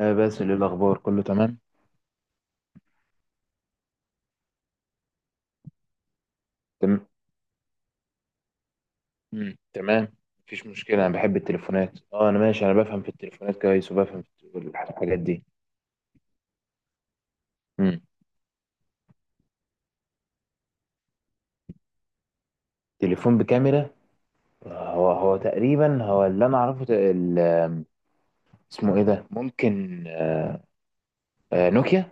آه باسل ايه الاخبار كله تمام تمام مم. تمام. مفيش مشكله انا بحب التليفونات انا ماشي، انا بفهم في التليفونات كويس وبفهم في الحاجات دي. مم. تليفون بكاميرا. هو تقريبا هو اللي انا اعرفه اسمه ايه ده. ممكن آه نوكيا.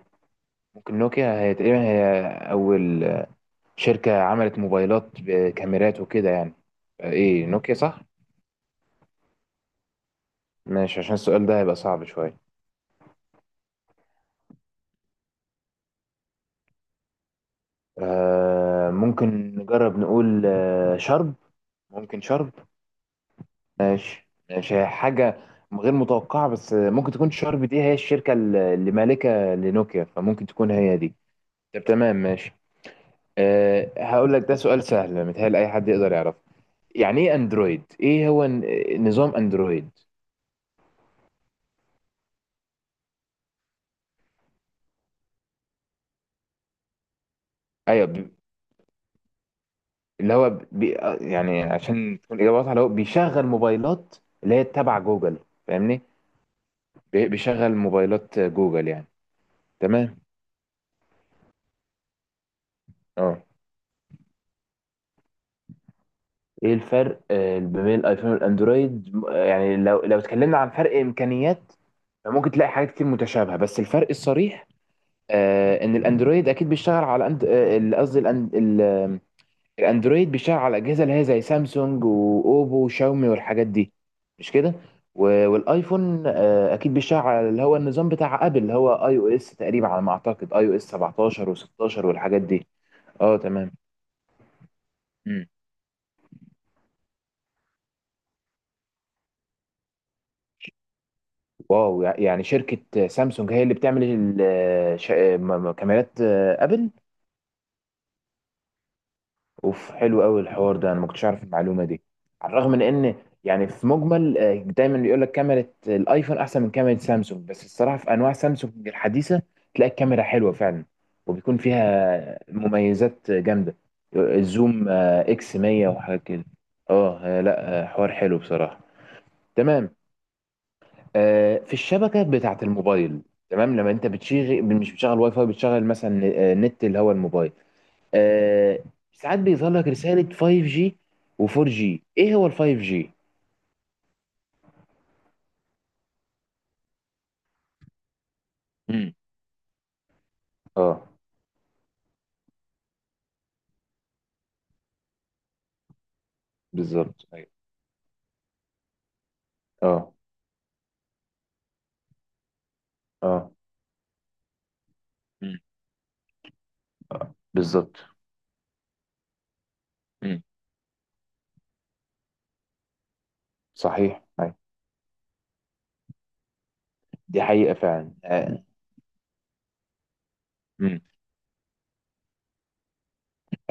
ممكن نوكيا، هي تقريبا هي اول شركه عملت موبايلات بكاميرات وكده يعني. ايه، نوكيا صح. ماشي، عشان السؤال ده هيبقى صعب شويه. ممكن نجرب نقول شرب. ممكن شرب. ماشي ماشي، هي حاجة غير متوقعة بس ممكن تكون شارب دي هي الشركة اللي مالكة لنوكيا فممكن تكون هي دي. طب تمام ماشي. هقول لك ده سؤال سهل، متهيألي أي حد يقدر يعرفه. يعني إيه أندرويد؟ إيه هو نظام أندرويد؟ أيوه. اللي هو بي آه، يعني عشان تكون إجابة واضحة، اللي هو بيشغل موبايلات اللي هي تبع جوجل. فاهمني؟ بيشغل موبايلات جوجل يعني. تمام؟ أه. ايه الفرق ما بين الايفون والاندرويد يعني لو اتكلمنا عن فرق امكانيات فممكن تلاقي حاجات كتير متشابهه بس الفرق الصريح ان الاندرويد اكيد بيشتغل على قصدي الاندرويد بيشتغل على الاجهزه اللي هي زي سامسونج واوبو وشاومي والحاجات دي، مش كده. والايفون اكيد بيشتغل على اللي هو النظام بتاع ابل، اللي هو اي او اس تقريبا على ما اعتقد، اي او اس 17 و16 والحاجات دي. اه تمام. واو، يعني شركة سامسونج هي اللي بتعمل كاميرات أبل. أوف حلو قوي الحوار ده، أنا ما كنتش أعرف المعلومة دي على الرغم من إن يعني في مجمل دايما بيقول لك كاميرا الأيفون أحسن من كاميرا سامسونج بس الصراحة في أنواع سامسونج الحديثة تلاقي الكاميرا حلوة فعلا، وبيكون فيها مميزات جامدة. الزوم إكس 100 وحاجات كده. أه لا حوار حلو بصراحة. تمام. في الشبكه بتاعه الموبايل تمام. لما انت بتشغل، مش بتشغل واي فاي، بتشغل مثلا نت اللي هو الموبايل. آه، ساعات بيظهر لك رساله 5G و4G. ايه هو ال 5G؟ امم. اه بالظبط ايوه. اه اه. امم. بالظبط. امم. صحيح أيوة. دي حقيقه فعلا مم.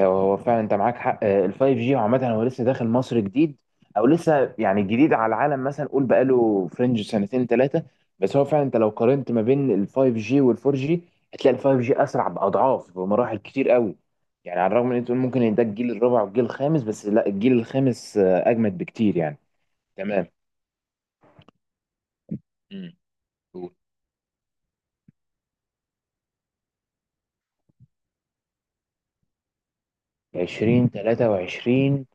هو فعلا انت معاك حق ال 5G عامة هو لسه داخل مصر جديد، او لسه يعني جديد على العالم، مثلا قول بقاله فرنج سنتين ثلاثة. بس هو فعلا انت لو قارنت ما بين ال 5G وال 4G هتلاقي ال 5G اسرع باضعاف، بمراحل كتير قوي. يعني على الرغم من ان انت تقول ممكن ان ده الجيل الرابع والجيل الخامس بس لا، الجيل الخامس اجمد بكتير يعني. تمام. امم. قول. 2023.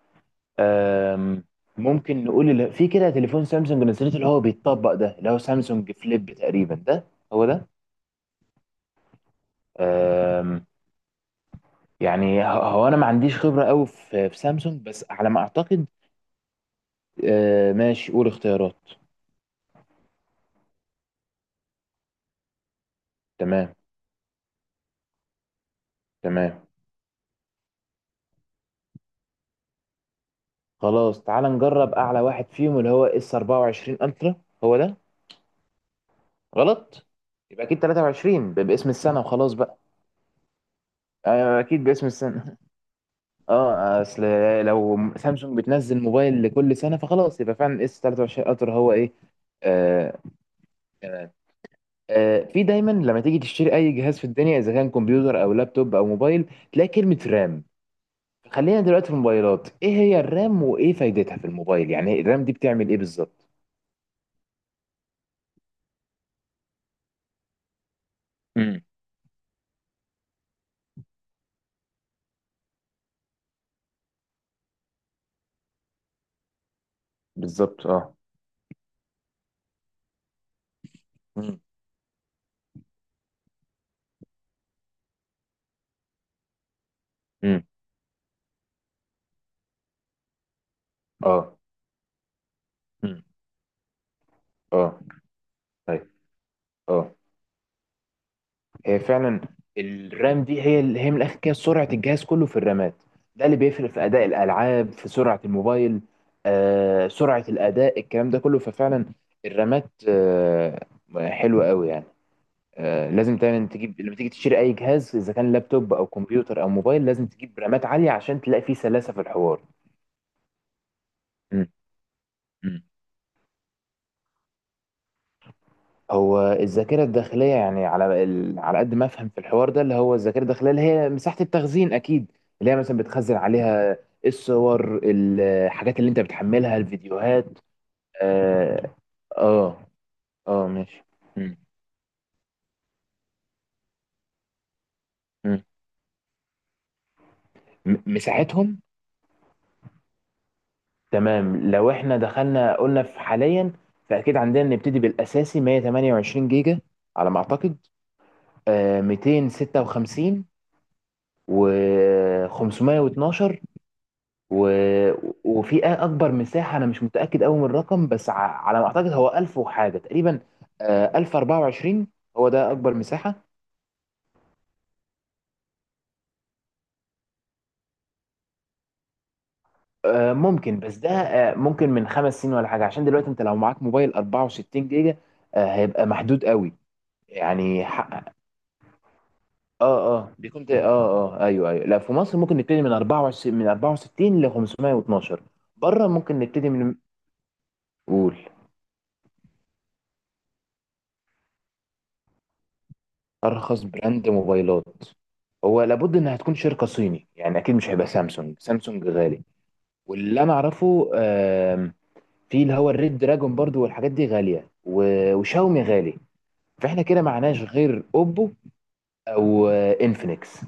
آم، ممكن نقول اللي في كده تليفون سامسونج نزلته اللي هو بيتطبق ده، اللي هو سامسونج فليب تقريبا، ده هو ده. آم، يعني هو انا ما عنديش خبرة قوي في سامسونج بس على ما اعتقد. ماشي، قول اختيارات. تمام. تمام. خلاص تعال نجرب اعلى واحد فيهم، اللي هو اس 24 الترا. هو ده. غلط. يبقى اكيد 23، باسم السنة وخلاص بقى. اكيد باسم السنة. اه، اصل لو سامسونج بتنزل موبايل لكل سنه فخلاص، يبقى فعلا اس 23 الترا هو ايه. آه في دايما لما تيجي تشتري اي جهاز في الدنيا، اذا كان كمبيوتر او لابتوب او موبايل، تلاقي كلمه رام. خلينا دلوقتي في الموبايلات، ايه هي الرام وايه فايدتها في الموبايل؟ يعني الرام دي بتعمل ايه بالظبط؟ امم. بالظبط اه. امم امم. اه. امم. اه. طيب. اه. هي فعلا الرام دي هي من الاخر كده سرعه الجهاز كله في الرامات. ده اللي بيفرق في اداء الالعاب، في سرعه الموبايل، سرعه الاداء، الكلام ده كله. ففعلا الرامات حلوه قوي يعني. لازم دايما تجيب، لما تيجي تشتري اي جهاز اذا كان لابتوب او كمبيوتر او موبايل، لازم تجيب رامات عاليه عشان تلاقي فيه سلاسه في الحوار. م- م. هو الذاكرة الداخلية يعني على قد ما أفهم في الحوار ده، اللي هو الذاكرة الداخلية اللي هي مساحة التخزين أكيد، اللي هي مثلا بتخزن عليها الصور، الحاجات اللي أنت بتحملها، الفيديوهات. آه. آه, ماشي. مم. مم. مساحتهم. تمام، لو إحنا دخلنا قلنا في حاليا فأكيد عندنا نبتدي بالأساسي 128 جيجا على ما أعتقد. 256، و 512، و... وفي اكبر مساحه انا مش متاكد قوي من الرقم بس على ما اعتقد هو 1000 وحاجه تقريبا. 1024 هو ده اكبر مساحه. ممكن، بس ده ممكن من خمس سنين ولا حاجه، عشان دلوقتي انت لو معاك موبايل 64 جيجا هيبقى محدود قوي. يعني حق. اه اه دي كنت. اه اه ايوه ايوه. لا في مصر ممكن نبتدي من 24، من 64 ل 512. بره ممكن نبتدي من. قول. ارخص براند موبايلات. هو لابد انها تكون شركه صيني، يعني اكيد مش هيبقى سامسونج، سامسونج غالي. واللي انا اعرفه في اللي هو الريد دراجون برضو، والحاجات دي غاليه، وشاومي غالي، فاحنا كده معناش غير اوبو او انفينكس.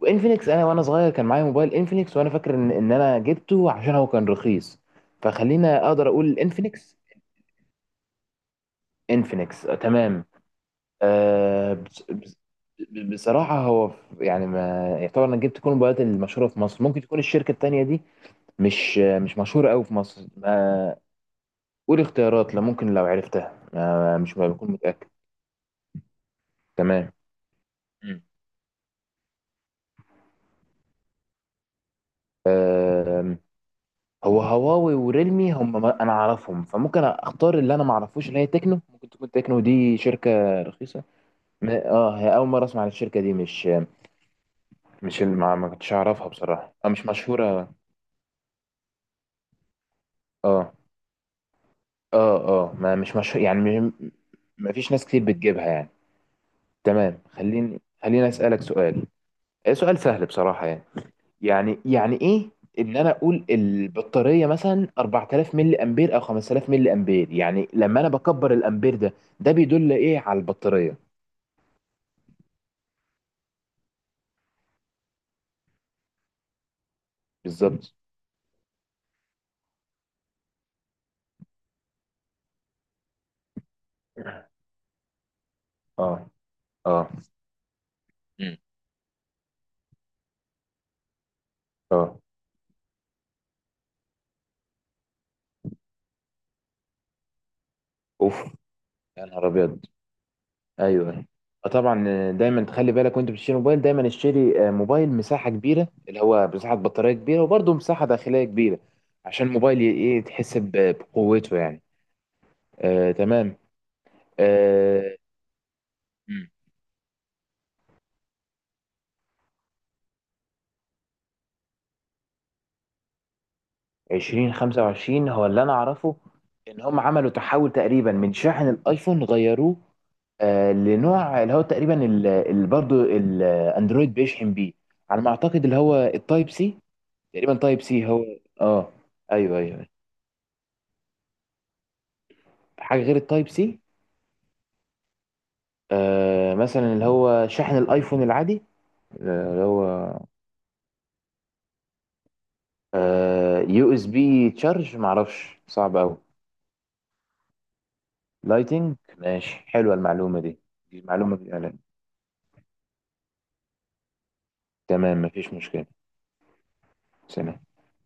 وانفينكس، انا وانا صغير كان معايا موبايل انفينكس وانا فاكر ان انا جبته عشان هو كان رخيص. فخلينا اقدر اقول انفينكس. انفينكس تمام. آه، بص- بص- بصراحة هو يعني ما يعتبر انك جبت كل الموبايلات المشهورة في مصر، ممكن تكون الشركة التانية دي مش مشهورة قوي في مصر ما. قول اختيارات لو ممكن، لو عرفتها، ما مش بكون متأكد. تمام. مم. آم، هو هواوي وريلمي هم انا اعرفهم، فممكن اختار اللي انا ما اعرفوش اللي هي تكنو. ممكن تكون تكنو دي شركة رخيصة. اه هي اول مرة اسمع عن الشركة دي. مش ما كنتش اعرفها بصراحة، مش مشهورة. اه اه اه، ما مش مشهور يعني ما فيش ناس كتير بتجيبها يعني. تمام، خليني اسالك سؤال. إيه سؤال سهل بصراحه يعني. يعني ايه ان انا اقول البطاريه مثلا 4000 ملي امبير او 5000 ملي امبير؟ يعني لما انا بكبر الامبير ده، ده بيدل ايه على البطاريه. بالظبط اه. اه. مم. اه اوف. يا نهار ابيض. ايوه طبعا. دايما تخلي بالك وانت بتشتري موبايل، دايما اشتري موبايل مساحه كبيره، اللي هو مساحه بطاريه كبيره، وبرده مساحه داخليه كبيره عشان الموبايل ايه، تحس بقوته يعني. آه تمام. آه. مم. 2025 هو اللي انا اعرفه، ان هم عملوا تحول تقريبا من شاحن الايفون، غيروه لنوع اللي هو تقريبا اللي برضه الاندرويد بيشحن بيه، على ما اعتقد اللي هو التايب سي. تقريبا تايب سي هو. اه ايوه ايوه، حاجة غير التايب سي. مثلا اللي هو شاحن الايفون العادي، اللي هو يو اس بي تشارج، معرفش، صعب قوي. لايتنج، ماشي حلوة المعلومة دي. دي معلومة دي أنا. تمام مفيش مشكلة. سلام